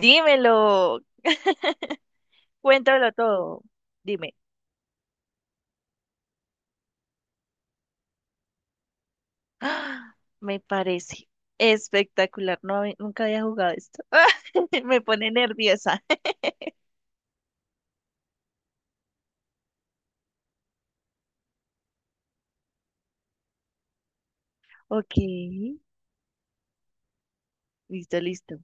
Dímelo, cuéntamelo todo. Dime. ¡Ah! Me parece espectacular. No, nunca había jugado esto. Me pone nerviosa. Ok, listo, listo.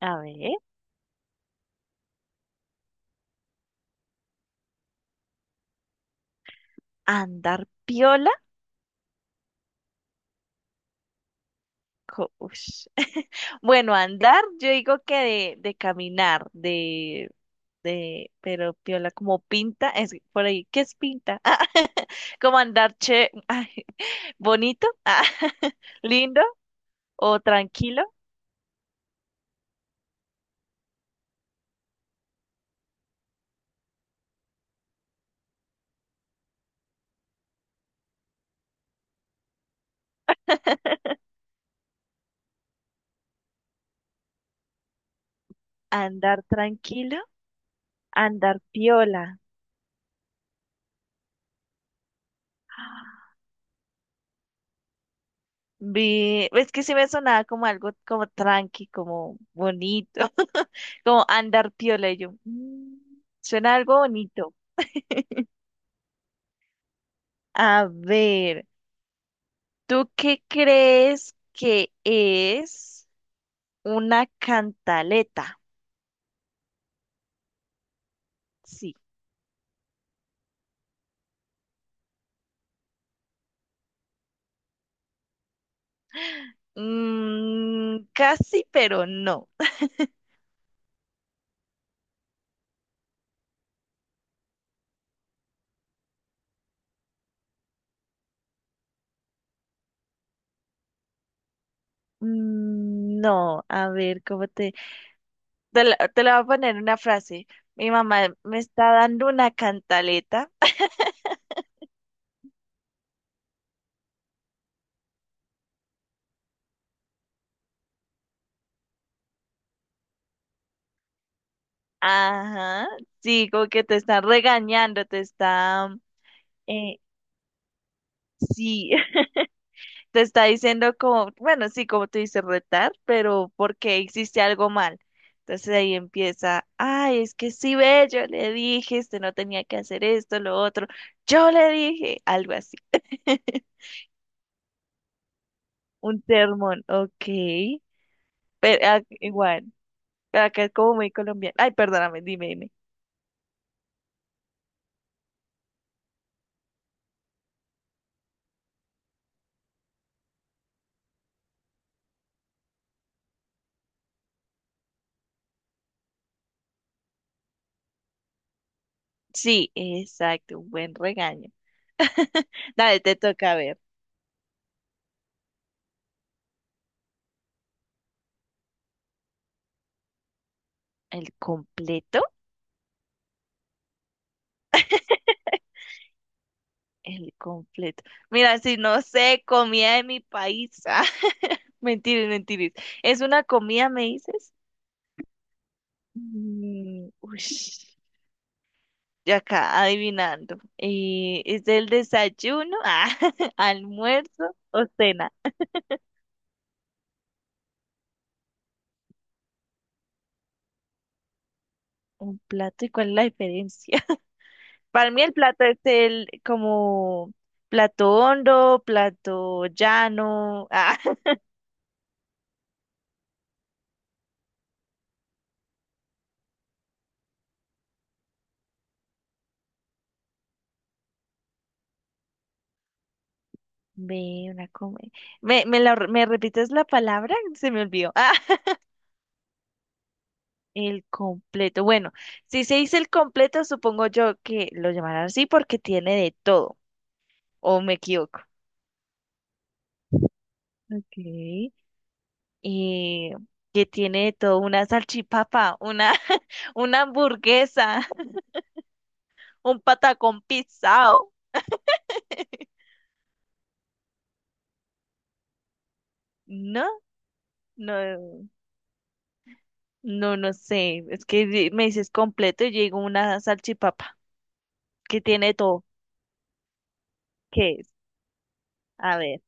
A ver, andar piola. Ush. Bueno, andar, yo digo que de caminar, pero piola como pinta, es por ahí, ¿qué es pinta? Como andar che, ay, bonito, lindo o tranquilo. Andar tranquilo, andar piola. Vi, es que sí me sonaba como algo como tranqui, como bonito, como andar piola. Y yo, "Mm, suena algo bonito." A ver, ¿tú qué crees que es una cantaleta? Sí. Mm, casi, pero no. Mm, no, a ver, ¿cómo te...? Te la voy a poner una frase. Mi mamá me está dando una cantaleta. Ajá. Sí, como que te está regañando, eh, sí, te está diciendo como, bueno, sí, como tú dices, retar, pero porque hiciste algo mal. Entonces ahí empieza, ay, es que sí, ve, yo le dije, este no tenía que hacer esto, lo otro. Yo le dije, algo así. Un sermón, ok. Pero igual. Acá es como muy colombiano. Ay, perdóname, dime, dime. Sí, exacto, un buen regaño. Dale, te toca ver. ¿El completo? El completo. Mira, si no sé, comida de mi país. Ah, mentiras, mentiras. ¿Es una comida, me dices? Mm, ush, ya acá, adivinando. ¿Es el desayuno, almuerzo o cena? Un plato, ¿y cuál es la diferencia? Para mí el plato es el como plato hondo, plato llano. Ah, ve una come. ¿Me, me, la, me repites la palabra? Se me olvidó. Ah, el completo. Bueno, si se dice el completo, supongo yo que lo llamarán así porque tiene de todo. ¿O me equivoco? Ok. Y que tiene de todo una salchipapa, una, una hamburguesa, un patacón pisado. No, no. No, no sé. Es que me dices completo y llegó una salchipapa que tiene todo. ¿Qué es? A ver.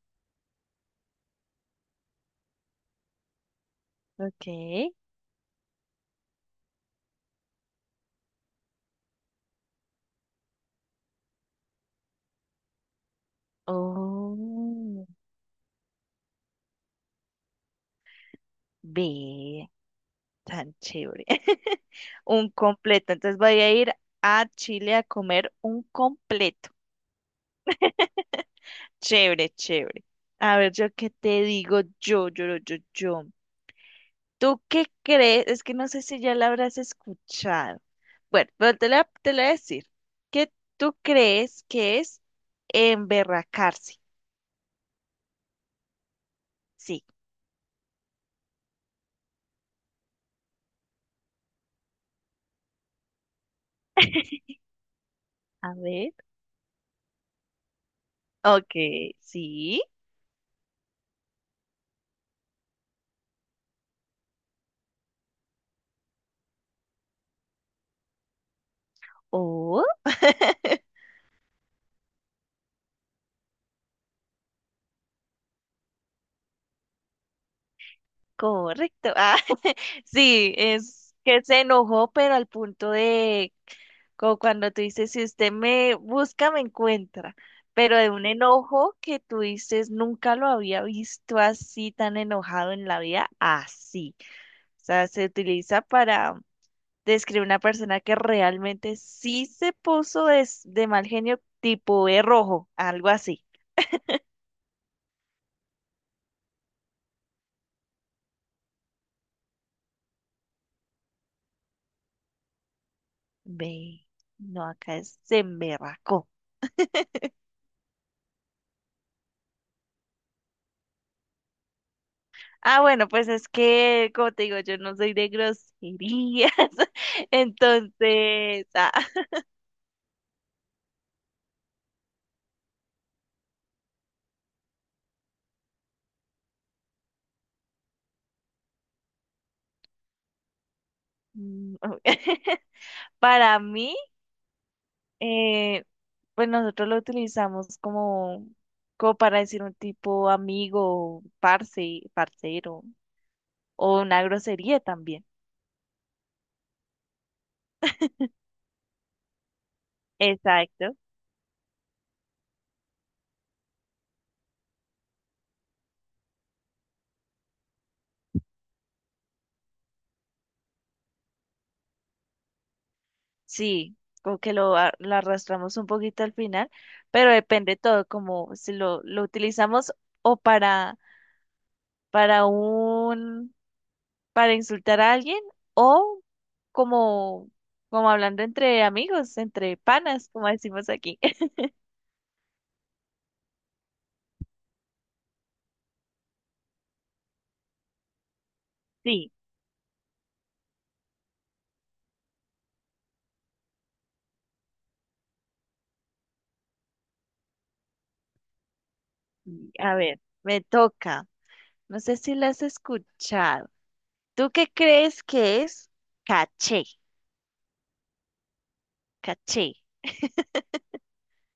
Ok. Oh, ve. Tan chévere. Un completo. Entonces voy a ir a Chile a comer un completo. Chévere, chévere. A ver, yo qué te digo yo. ¿Tú qué crees? Es que no sé si ya la habrás escuchado. Bueno, pero te la voy a decir. ¿Qué tú crees que es? Emberracarse. Sí. A ver. Ok, sí. Oh, correcto. Ah, sí, es que se enojó, pero al punto de, como cuando tú dices, si usted me busca, me encuentra. Pero de un enojo que tú dices, nunca lo había visto así, tan enojado en la vida, así. O sea, se utiliza para describe una persona que realmente sí se puso de mal genio, tipo de rojo, algo así. Ve, no, acá es se emberracó. Ah, bueno, pues es que, como te digo, yo no soy de groserías. Entonces, mm, para mí, eh, pues nosotros lo utilizamos como, para decir un tipo amigo, parce, parcero, o una grosería también. Exacto. Sí, como que lo arrastramos un poquito al final, pero depende todo, como si lo utilizamos o para un, para insultar a alguien o como, como hablando entre amigos, entre panas, como decimos aquí. Sí, y a ver, me toca. No sé si la has escuchado. ¿Tú qué crees que es caché? Caché,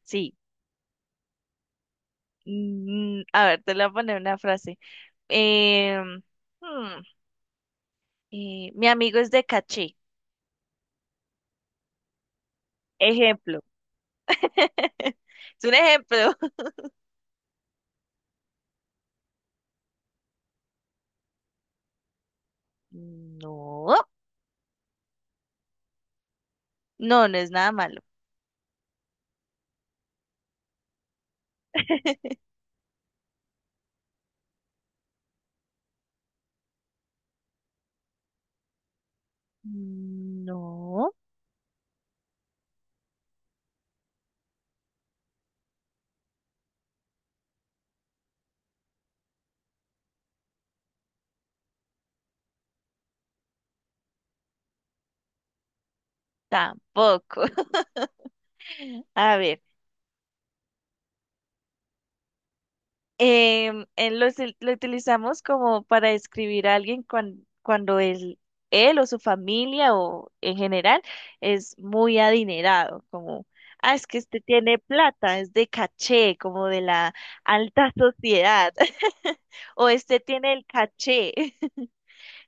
sí. Mm, a ver, te le voy a poner una frase. Eh, mi amigo es de caché. Ejemplo. Es un ejemplo. No, no, no es nada malo. No, tampoco. A ver, lo utilizamos como para describir a alguien cuando él o su familia o en general es muy adinerado, como, ah, es que este tiene plata, es de caché, como de la alta sociedad, o este tiene el caché.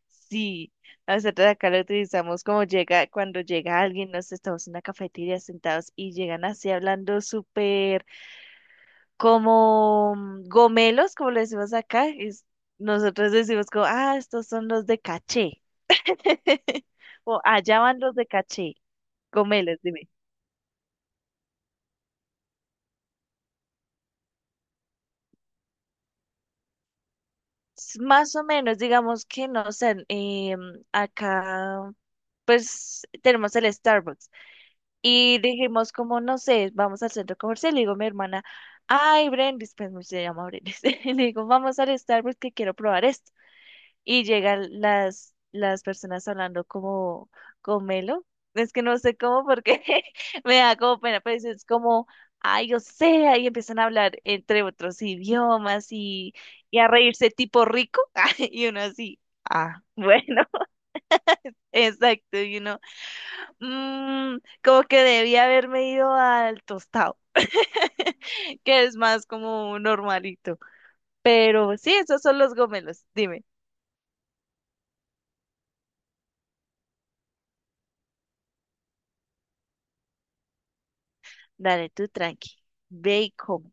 Sí, nosotros acá lo utilizamos como llega, cuando llega alguien, nos estamos en una cafetería sentados y llegan así hablando súper como gomelos, como le decimos acá, nosotros decimos como, ah, estos son los de caché, o allá van los de caché, gomelos, dime. Más o menos, digamos que no sé, acá pues tenemos el Starbucks. Y dijimos como, no sé, vamos al centro comercial. Le digo a mi hermana, ay, Brendis, pues se llama Brendis. Y le digo, vamos al Starbucks que quiero probar esto. Y llegan las personas hablando como con Melo. Es que no sé cómo porque me da como pena, pero es como, ay, o sea, y empiezan a hablar entre otros idiomas y a reírse tipo rico. Y uno así, ah, bueno, exacto, y uno... Mm, como que debía haberme ido al tostado, que es más como normalito. Pero sí, esos son los gomelos. Dime, dale tú tranqui. Bacon.